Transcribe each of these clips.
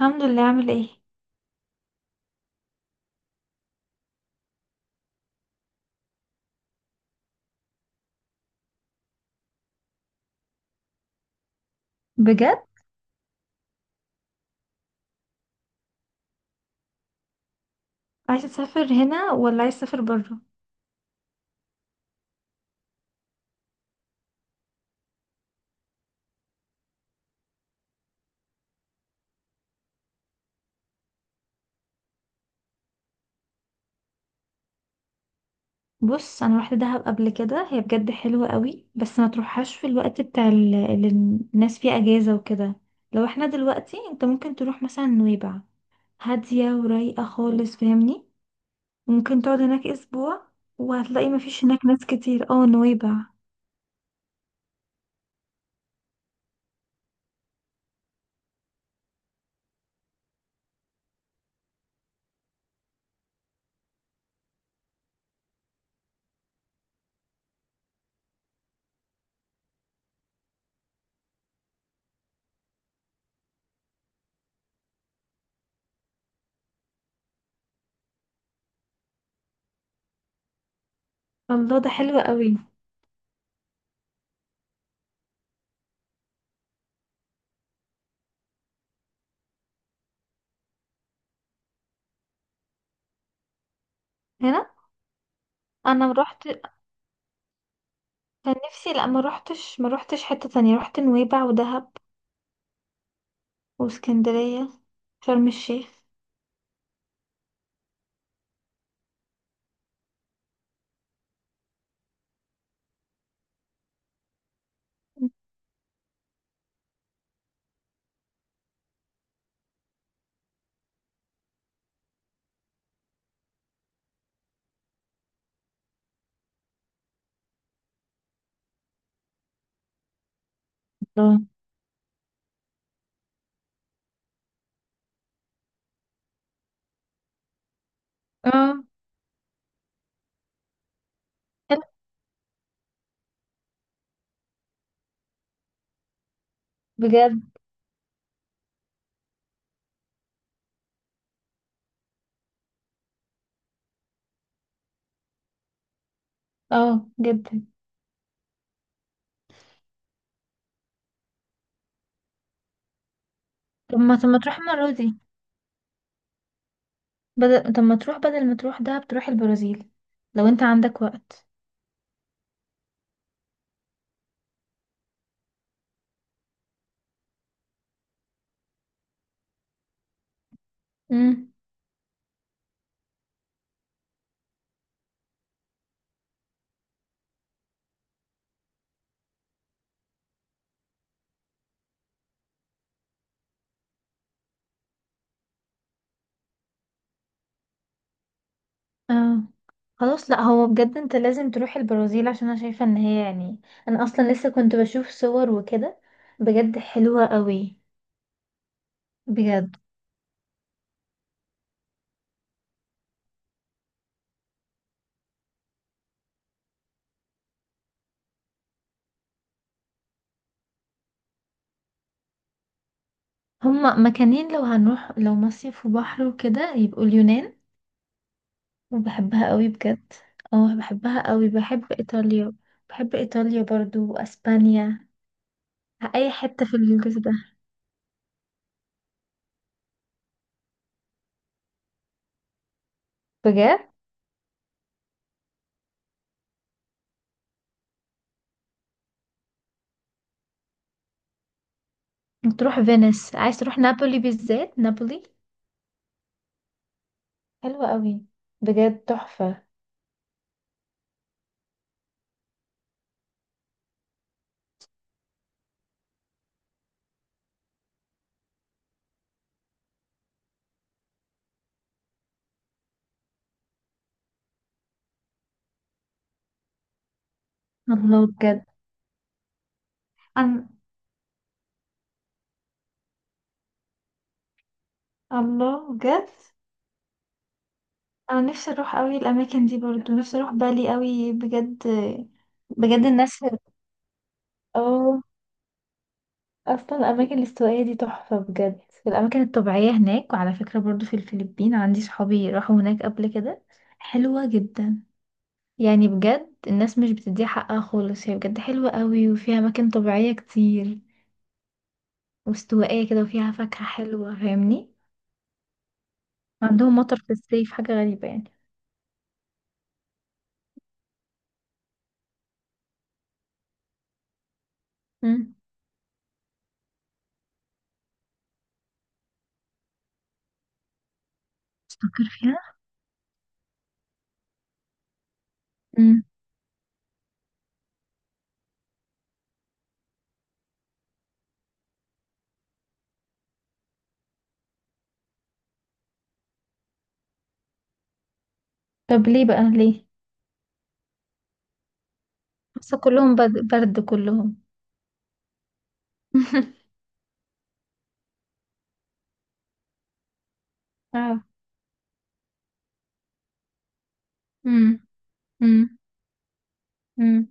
الحمد لله. عامل ايه؟ بجد؟ عايزه تسافر هنا ولا عايز تسافر بره؟ بص، انا روحت دهب قبل كده، هي بجد حلوه قوي، بس ما تروحهاش في الوقت اللي الناس فيه اجازه وكده. لو احنا دلوقتي، انت ممكن تروح مثلا نويبع، هاديه ورايقه خالص، فاهمني؟ ممكن تقعد هناك اسبوع، وهتلاقي ما فيش هناك ناس كتير. اه، نويبع. الله، ده حلو قوي. هنا. انا روحت. كان نفسي، لا ما روحتش، ما روحتش حته تانية، روحت نويبع ودهب واسكندريه، شرم الشيخ. الله. اه، حلو. بجد. اه جدا. طب ما تروح المرة دي، بدل، طب ما تروح بدل ما تروح دهب، تروح البرازيل. لو انت عندك وقت. امم. اه، خلاص. لا هو بجد انت لازم تروح البرازيل، عشان انا شايفة ان هي يعني، انا اصلا لسه كنت بشوف صور وكده، بجد حلوة قوي. بجد. هما مكانين، لو هنروح لو مصيف وبحر وكده، يبقوا اليونان، وبحبها قوي بجد. اه بحبها قوي، بحب ايطاليا. بحب ايطاليا برضو، واسبانيا. اي حته في الجزء ده. بجد. تروح فينيس؟ عايز تروح نابولي؟ بالذات نابولي؟ حلوة قوي، بجد تحفة. الله. أنا بجد، أنا نفسي أروح أوي الأماكن دي، برضو نفسي أروح بالي أوي بجد. بجد الناس. اه. اصلا الاماكن الاستوائية دي تحفة بجد. الاماكن الطبيعية هناك، وعلى فكرة برضو في الفلبين عندي صحابي راحوا هناك قبل كده، حلوة جدا. يعني بجد الناس مش بتديها حقها خالص، هي بجد حلوة قوي، وفيها أماكن طبيعية كتير واستوائية كده، وفيها فاكهة حلوة، فاهمني؟ عندهم مطر في الصيف، حاجة غريبة يعني. امم. تفكر فيها. امم. طب ليه بقى؟ ليه؟ بس كلهم برد، برد كلهم. اه. امم. امم. امم.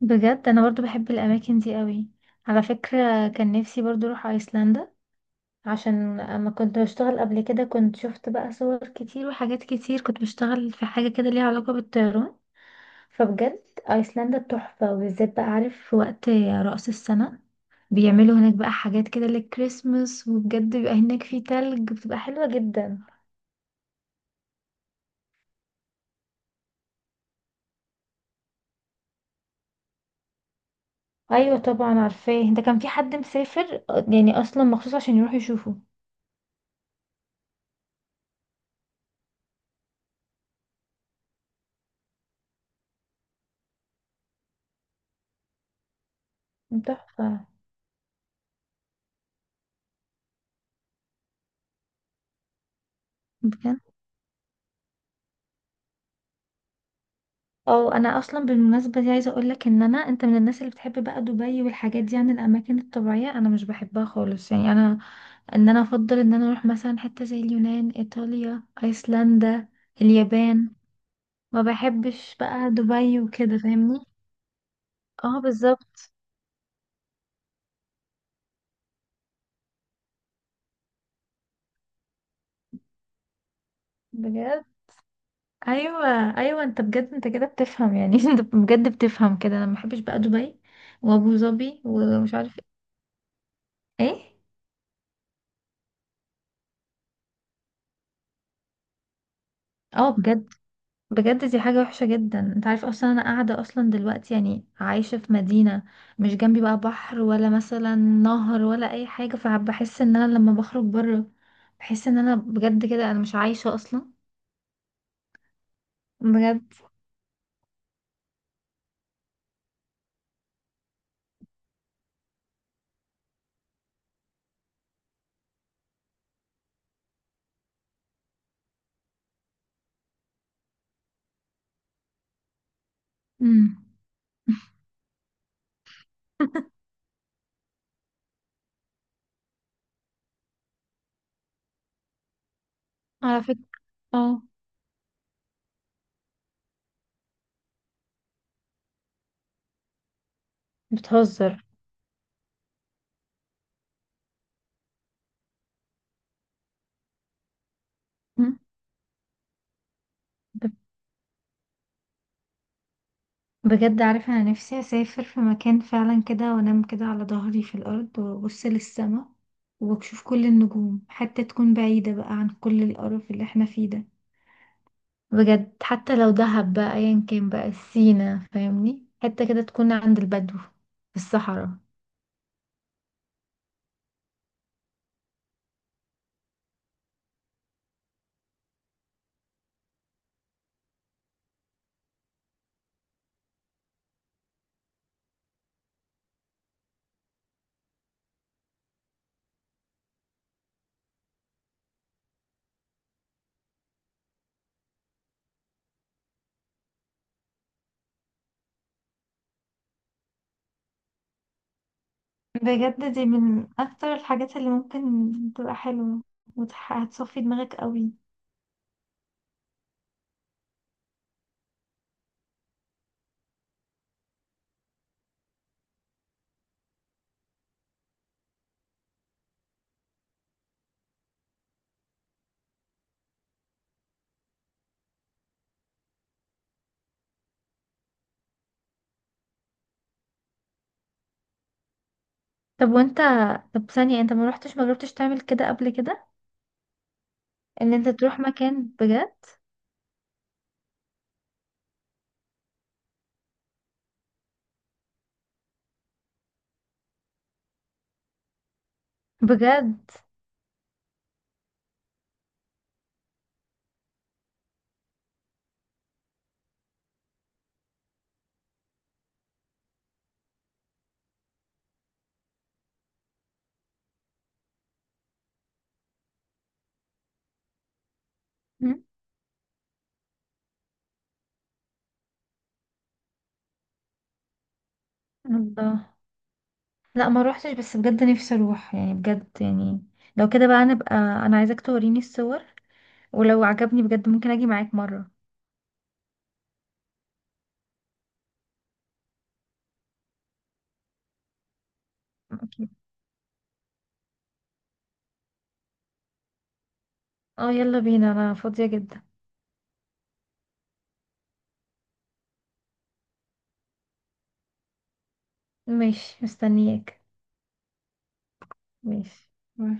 بجد انا برضو بحب الاماكن دي قوي. على فكرة كان نفسي برضو اروح ايسلندا، عشان اما كنت بشتغل قبل كده كنت شفت بقى صور كتير وحاجات كتير، كنت بشتغل في حاجة كده ليها علاقة بالطيران. فبجد ايسلندا تحفة، وبالذات بقى عارف في وقت رأس السنة بيعملوا هناك بقى حاجات كده للكريسماس، وبجد بيبقى هناك في تلج، بتبقى حلوة جدا. ايوه طبعا عارفاه، ده كان في حد مسافر يعني اصلا مخصوص عشان يروح يشوفه. تحفة. بجد. اه، انا اصلا بالمناسبه دي عايزه اقول لك ان انا، انت من الناس اللي بتحب بقى دبي والحاجات دي، عن الاماكن الطبيعيه انا مش بحبها خالص. يعني انا ان انا افضل ان انا اروح مثلا حته زي اليونان، ايطاليا، ايسلندا، اليابان. ما بحبش بقى دبي وكده، فاهمني؟ اه بالظبط. بجد. ايوه. ايوه انت بجد، انت كده بتفهم يعني. انت بجد بتفهم كده، انا ما بحبش بقى دبي وابو ظبي ومش عارف ايه. اه بجد. بجد دي حاجة وحشة جدا. انت عارف اصلا انا قاعدة اصلا دلوقتي يعني عايشة في مدينة مش جنبي بقى بحر، ولا مثلا نهر، ولا اي حاجة. فبحس ان انا لما بخرج بره بحس ان انا بجد كده انا مش عايشة اصلا. بجد. امم. على فكرة. اه. بتهزر؟ مم. ب- بجد عارفة انا نفسي اسافر في مكان فعلا كده، وانام كده على ظهري في الارض، وابص للسما، واشوف كل النجوم، حتى تكون بعيدة بقى عن كل القرف اللي احنا فيه ده. بجد حتى لو دهب بقى، ايا كان بقى سينا، فاهمني؟ حتة كده تكون عند البدو في الصحراء. بجد دي من اكتر الحاجات اللي ممكن تبقى حلوة، هتصفي دماغك قوي. طب وانت، طب انت ما رحتش، ما جربتش تعمل كده قبل كده؟ ان انت تروح مكان بجد. بجد. مم. الله. لا ما روحتش، بس بجد نفسي اروح يعني، بجد يعني لو كده بقى، انا بقى انا عايزاك توريني الصور، ولو عجبني بجد ممكن اجي معاك مرة. أكيد. اه يلا بينا، انا فاضية جدا. ماشي، مستنياك. ماشي. باي.